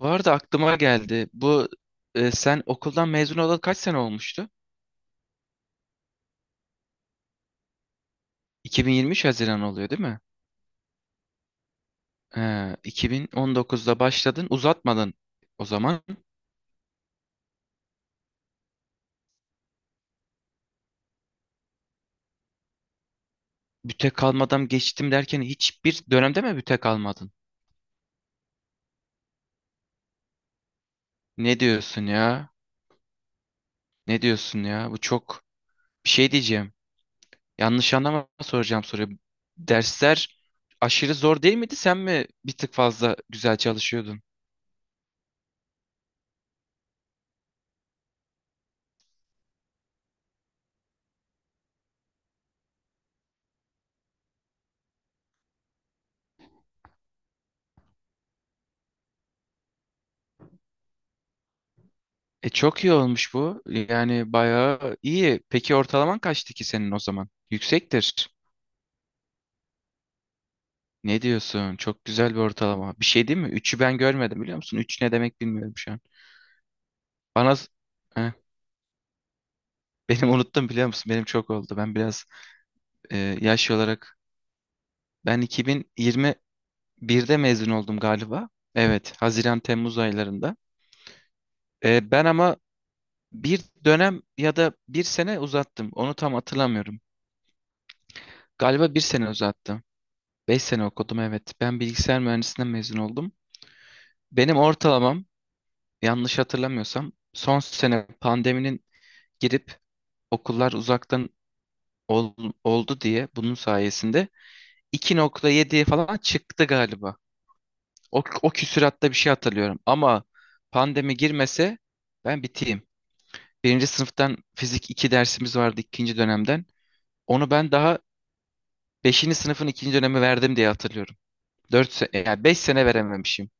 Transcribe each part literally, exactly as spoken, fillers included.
Bu arada aklıma geldi. Bu e, sen okuldan mezun olalı kaç sene olmuştu? iki bin yirmi üç Haziran oluyor değil mi? Ee, iki bin on dokuzda başladın, uzatmadın o zaman. Büte kalmadan geçtim derken hiçbir dönemde mi büte kalmadın? Ne diyorsun ya? Ne diyorsun ya? Bu çok bir şey diyeceğim. Yanlış anlama soracağım soruyu. Dersler aşırı zor değil miydi? Sen mi bir tık fazla güzel çalışıyordun? E çok iyi olmuş bu. Yani bayağı iyi. Peki ortalaman kaçtı ki senin o zaman? Yüksektir. Ne diyorsun? Çok güzel bir ortalama. Bir şey değil mi? Üçü ben görmedim biliyor musun? Üç ne demek bilmiyorum şu an. Bana Heh, benim unuttum biliyor musun? Benim çok oldu. Ben biraz e, yaş olarak ben iki bin yirmi birde mezun oldum galiba. Evet, Haziran Temmuz aylarında. E, ben ama bir dönem ya da bir sene uzattım. Onu tam hatırlamıyorum. Galiba bir sene uzattım. Beş sene okudum, evet. Ben bilgisayar mühendisliğinden mezun oldum. Benim ortalamam yanlış hatırlamıyorsam son sene pandeminin girip okullar uzaktan ol- oldu diye bunun sayesinde iki nokta yediye falan çıktı galiba. O, o küsüratta bir şey hatırlıyorum ama pandemi girmese ben biteyim. Birinci sınıftan fizik iki dersimiz vardı ikinci dönemden. Onu ben daha beşinci sınıfın ikinci dönemi verdim diye hatırlıyorum. dört yani beş sene verememişim.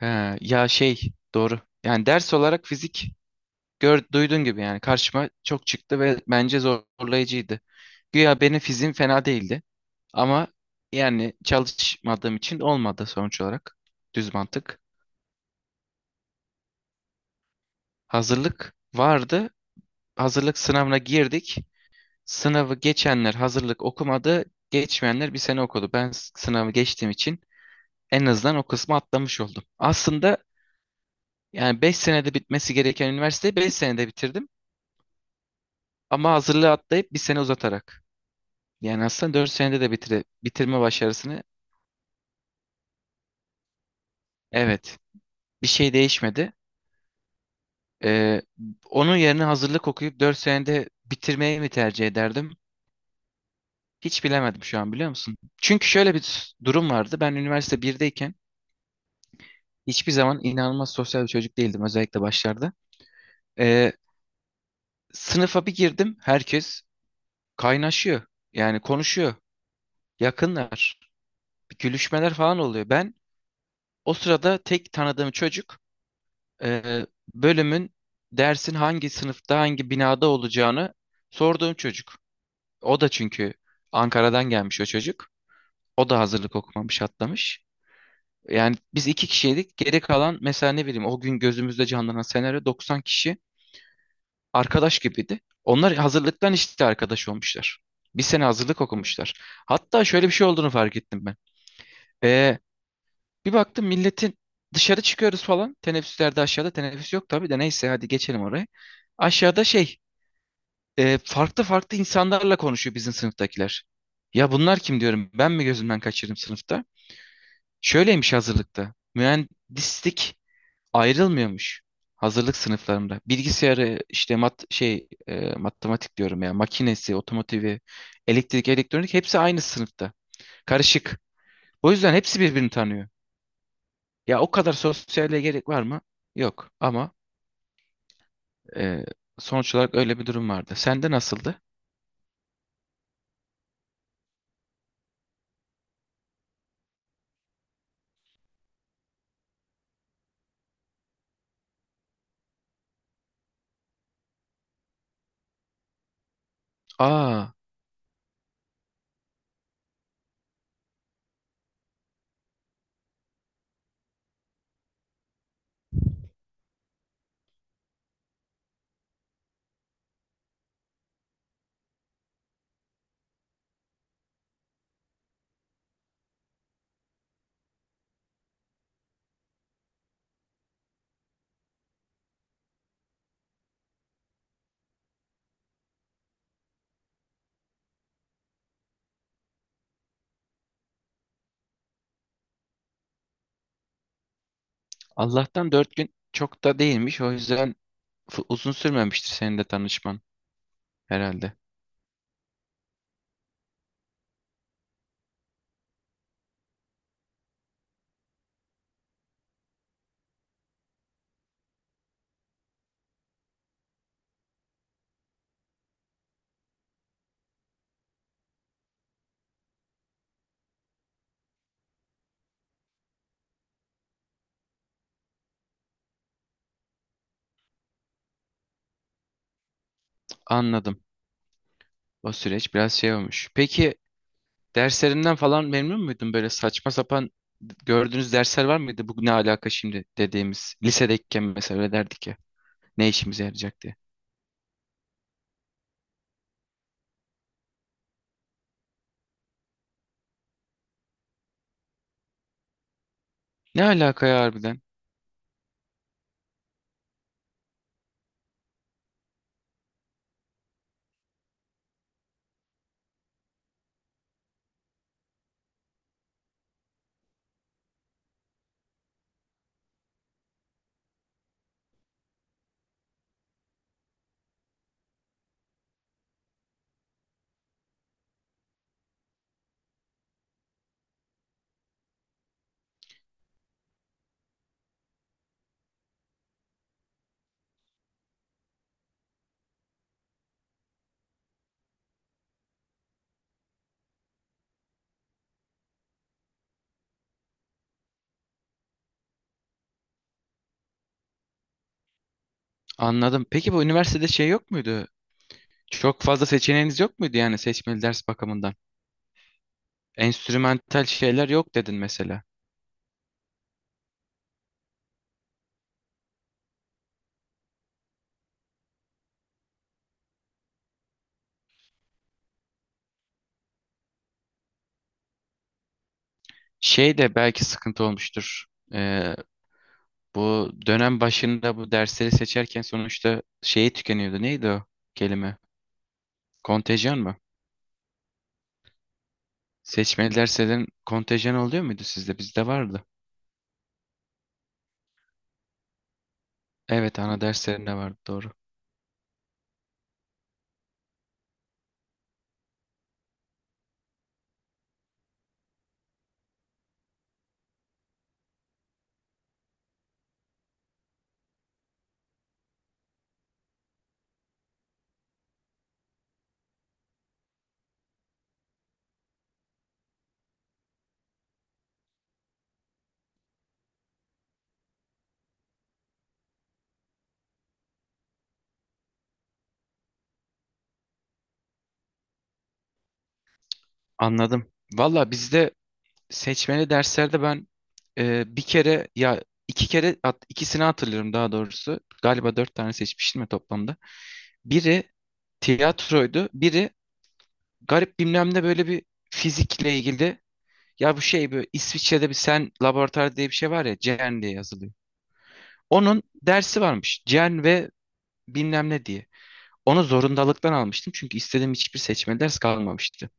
He, ya şey doğru. Yani ders olarak fizik gör, duyduğun gibi yani karşıma çok çıktı ve bence zorlayıcıydı. Güya benim fizim fena değildi ama yani çalışmadığım için olmadı sonuç olarak. Düz mantık. Hazırlık vardı. Hazırlık sınavına girdik. Sınavı geçenler hazırlık okumadı. Geçmeyenler bir sene okudu. Ben s- sınavı geçtiğim için en azından o kısmı atlamış oldum. Aslında yani beş senede bitmesi gereken üniversiteyi beş senede bitirdim. Ama hazırlığı atlayıp bir sene uzatarak. Yani aslında dört senede de bitire, bitirme başarısını evet bir şey değişmedi. Ee, onun yerine hazırlık okuyup dört senede bitirmeyi mi tercih ederdim? Hiç bilemedim şu an biliyor musun? Çünkü şöyle bir durum vardı. Ben üniversite birdeyken hiçbir zaman inanılmaz sosyal bir çocuk değildim, özellikle başlarda. Ee, sınıfa bir girdim, herkes kaynaşıyor. Yani konuşuyor. Yakınlar. Gülüşmeler falan oluyor. Ben o sırada tek tanıdığım çocuk e, bölümün dersin hangi sınıfta hangi binada olacağını sorduğum çocuk. O da çünkü Ankara'dan gelmiş o çocuk. O da hazırlık okumamış, atlamış. Yani biz iki kişiydik. Geri kalan, mesela ne bileyim, o gün gözümüzde canlanan senaryo doksan kişi arkadaş gibiydi. Onlar hazırlıktan işte arkadaş olmuşlar. Bir sene hazırlık okumuşlar. Hatta şöyle bir şey olduğunu fark ettim ben. Ee, bir baktım milletin dışarı çıkıyoruz falan. Teneffüslerde aşağıda, teneffüs yok tabii de neyse hadi geçelim oraya. Aşağıda şey e, farklı farklı insanlarla konuşuyor bizim sınıftakiler. Ya bunlar kim diyorum, ben mi gözümden kaçırdım sınıfta? Şöyleymiş hazırlıkta. Mühendislik ayrılmıyormuş hazırlık sınıflarında. Bilgisayarı işte mat şey e, matematik diyorum ya, makinesi, otomotivi, elektrik, elektronik hepsi aynı sınıfta. Karışık. O yüzden hepsi birbirini tanıyor. Ya o kadar sosyalliğe gerek var mı? Yok ama e, sonuç olarak öyle bir durum vardı. Sende nasıldı? Aa Allah'tan dört gün çok da değilmiş. O yüzden fu- uzun sürmemiştir senin de tanışman herhalde. Anladım. O süreç biraz şey olmuş. Peki derslerinden falan memnun muydun? Böyle saçma sapan gördüğünüz dersler var mıydı? Bu ne alaka şimdi dediğimiz. Lisedeyken mesela öyle derdik ya. Ne işimize yarayacak diye. Ne alaka ya harbiden? Anladım. Peki bu üniversitede şey yok muydu? Çok fazla seçeneğiniz yok muydu yani seçmeli ders bakımından? Enstrümantal şeyler yok dedin mesela. Şey de belki sıkıntı olmuştur. Ee, Bu dönem başında bu dersleri seçerken sonuçta şeyi tükeniyordu. Neydi o kelime? Kontenjan mı? Seçmeli derslerin kontenjanı oluyor muydu sizde? Bizde vardı. Evet, ana derslerinde vardı doğru. Anladım. Valla bizde seçmeli derslerde ben e, bir kere ya iki kere at, ikisini hatırlıyorum daha doğrusu. Galiba dört tane seçmiştim ya toplamda. Biri tiyatroydu. Biri garip bilmem ne, böyle bir fizikle ilgili. Ya bu şey, böyle İsviçre'de bir sen laboratuvar diye bir şey var ya, CERN diye yazılıyor. Onun dersi varmış. CERN ve bilmem ne diye. Onu zorundalıktan almıştım çünkü istediğim hiçbir seçme ders kalmamıştı.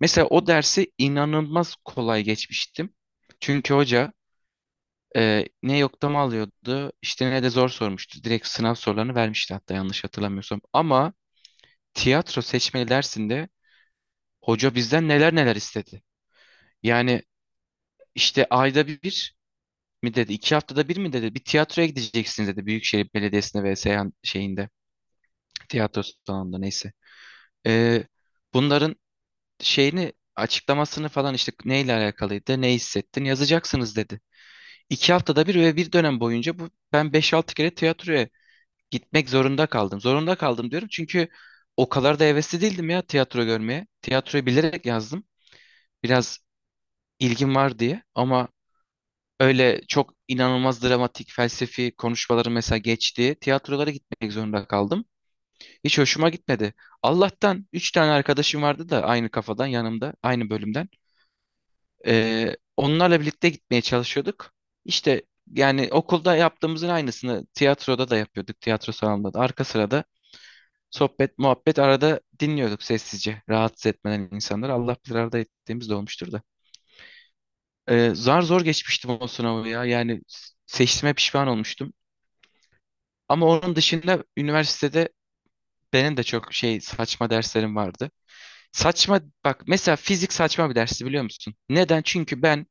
Mesela o dersi inanılmaz kolay geçmiştim. Çünkü hoca e, ne yoklama alıyordu işte ne de zor sormuştu. Direkt sınav sorularını vermişti hatta, yanlış hatırlamıyorsam. Ama tiyatro seçmeli dersinde hoca bizden neler neler istedi. Yani işte ayda bir mi dedi? İki haftada bir mi dedi? Bir tiyatroya gideceksiniz dedi. Büyükşehir Belediyesi'nde ve Seyhan şeyinde. Tiyatro salonunda neyse. Ee, bunların şeyini açıklamasını falan, işte neyle alakalıydı, ne hissettin yazacaksınız dedi. İki haftada bir ve bir dönem boyunca bu, ben beş altı kere tiyatroya gitmek zorunda kaldım. Zorunda kaldım diyorum çünkü o kadar da hevesli değildim ya tiyatro görmeye. Tiyatroyu bilerek yazdım. Biraz ilgim var diye ama öyle çok inanılmaz dramatik felsefi konuşmaları mesela geçti. Tiyatrolara gitmek zorunda kaldım. Hiç hoşuma gitmedi. Allah'tan üç tane arkadaşım vardı da aynı kafadan yanımda, aynı bölümden. Ee, onlarla birlikte gitmeye çalışıyorduk. İşte yani okulda yaptığımızın aynısını tiyatroda da yapıyorduk. Tiyatro salonunda da arka sırada sohbet, muhabbet arada dinliyorduk sessizce. Rahatsız etmeden insanları, Allah bilir arada ettiğimiz de olmuştur da. Ee, zar zor geçmiştim o sınavı ya. Yani seçtiğime pişman olmuştum. Ama onun dışında üniversitede benim de çok şey saçma derslerim vardı. Saçma bak, mesela fizik saçma bir dersi biliyor musun? Neden? Çünkü ben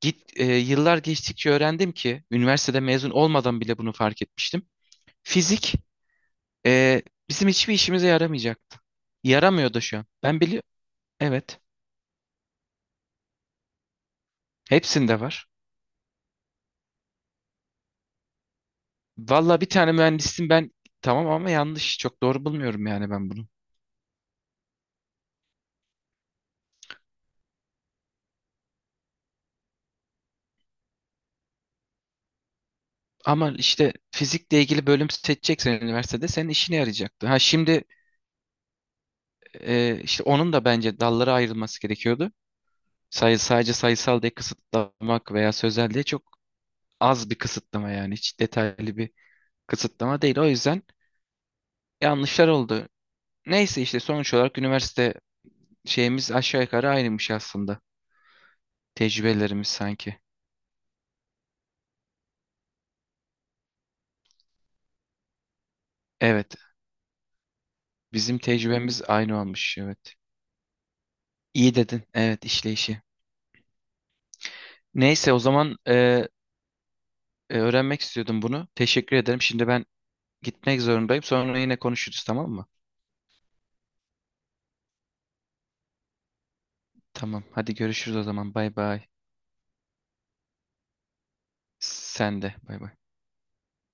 git e, yıllar geçtikçe öğrendim ki, üniversitede mezun olmadan bile bunu fark etmiştim. Fizik e, bizim hiçbir işimize yaramayacaktı. Yaramıyor da şu an. Ben biliyorum. Evet. Hepsinde var. Valla bir tane mühendisim ben, tamam ama yanlış. Çok doğru bulmuyorum yani ben bunu. Ama işte fizikle ilgili bölüm seçeceksen üniversitede senin işine yarayacaktı. Ha şimdi e, işte onun da bence dallara ayrılması gerekiyordu. Sayı, sadece sayısal diye kısıtlamak veya sözel diye çok az bir kısıtlama, yani hiç detaylı bir kısıtlama değil. O yüzden yanlışlar oldu. Neyse işte sonuç olarak üniversite şeyimiz aşağı yukarı aynıymış aslında. Tecrübelerimiz sanki. Evet, bizim tecrübemiz aynı olmuş. Evet. İyi dedin. Evet, işleyişi. Neyse o zaman e, e, öğrenmek istiyordum bunu. Teşekkür ederim. Şimdi ben gitmek zorundayım. Sonra yine konuşuruz, tamam mı? Tamam. Hadi görüşürüz o zaman. Bay bay. Sen de. Bay bay.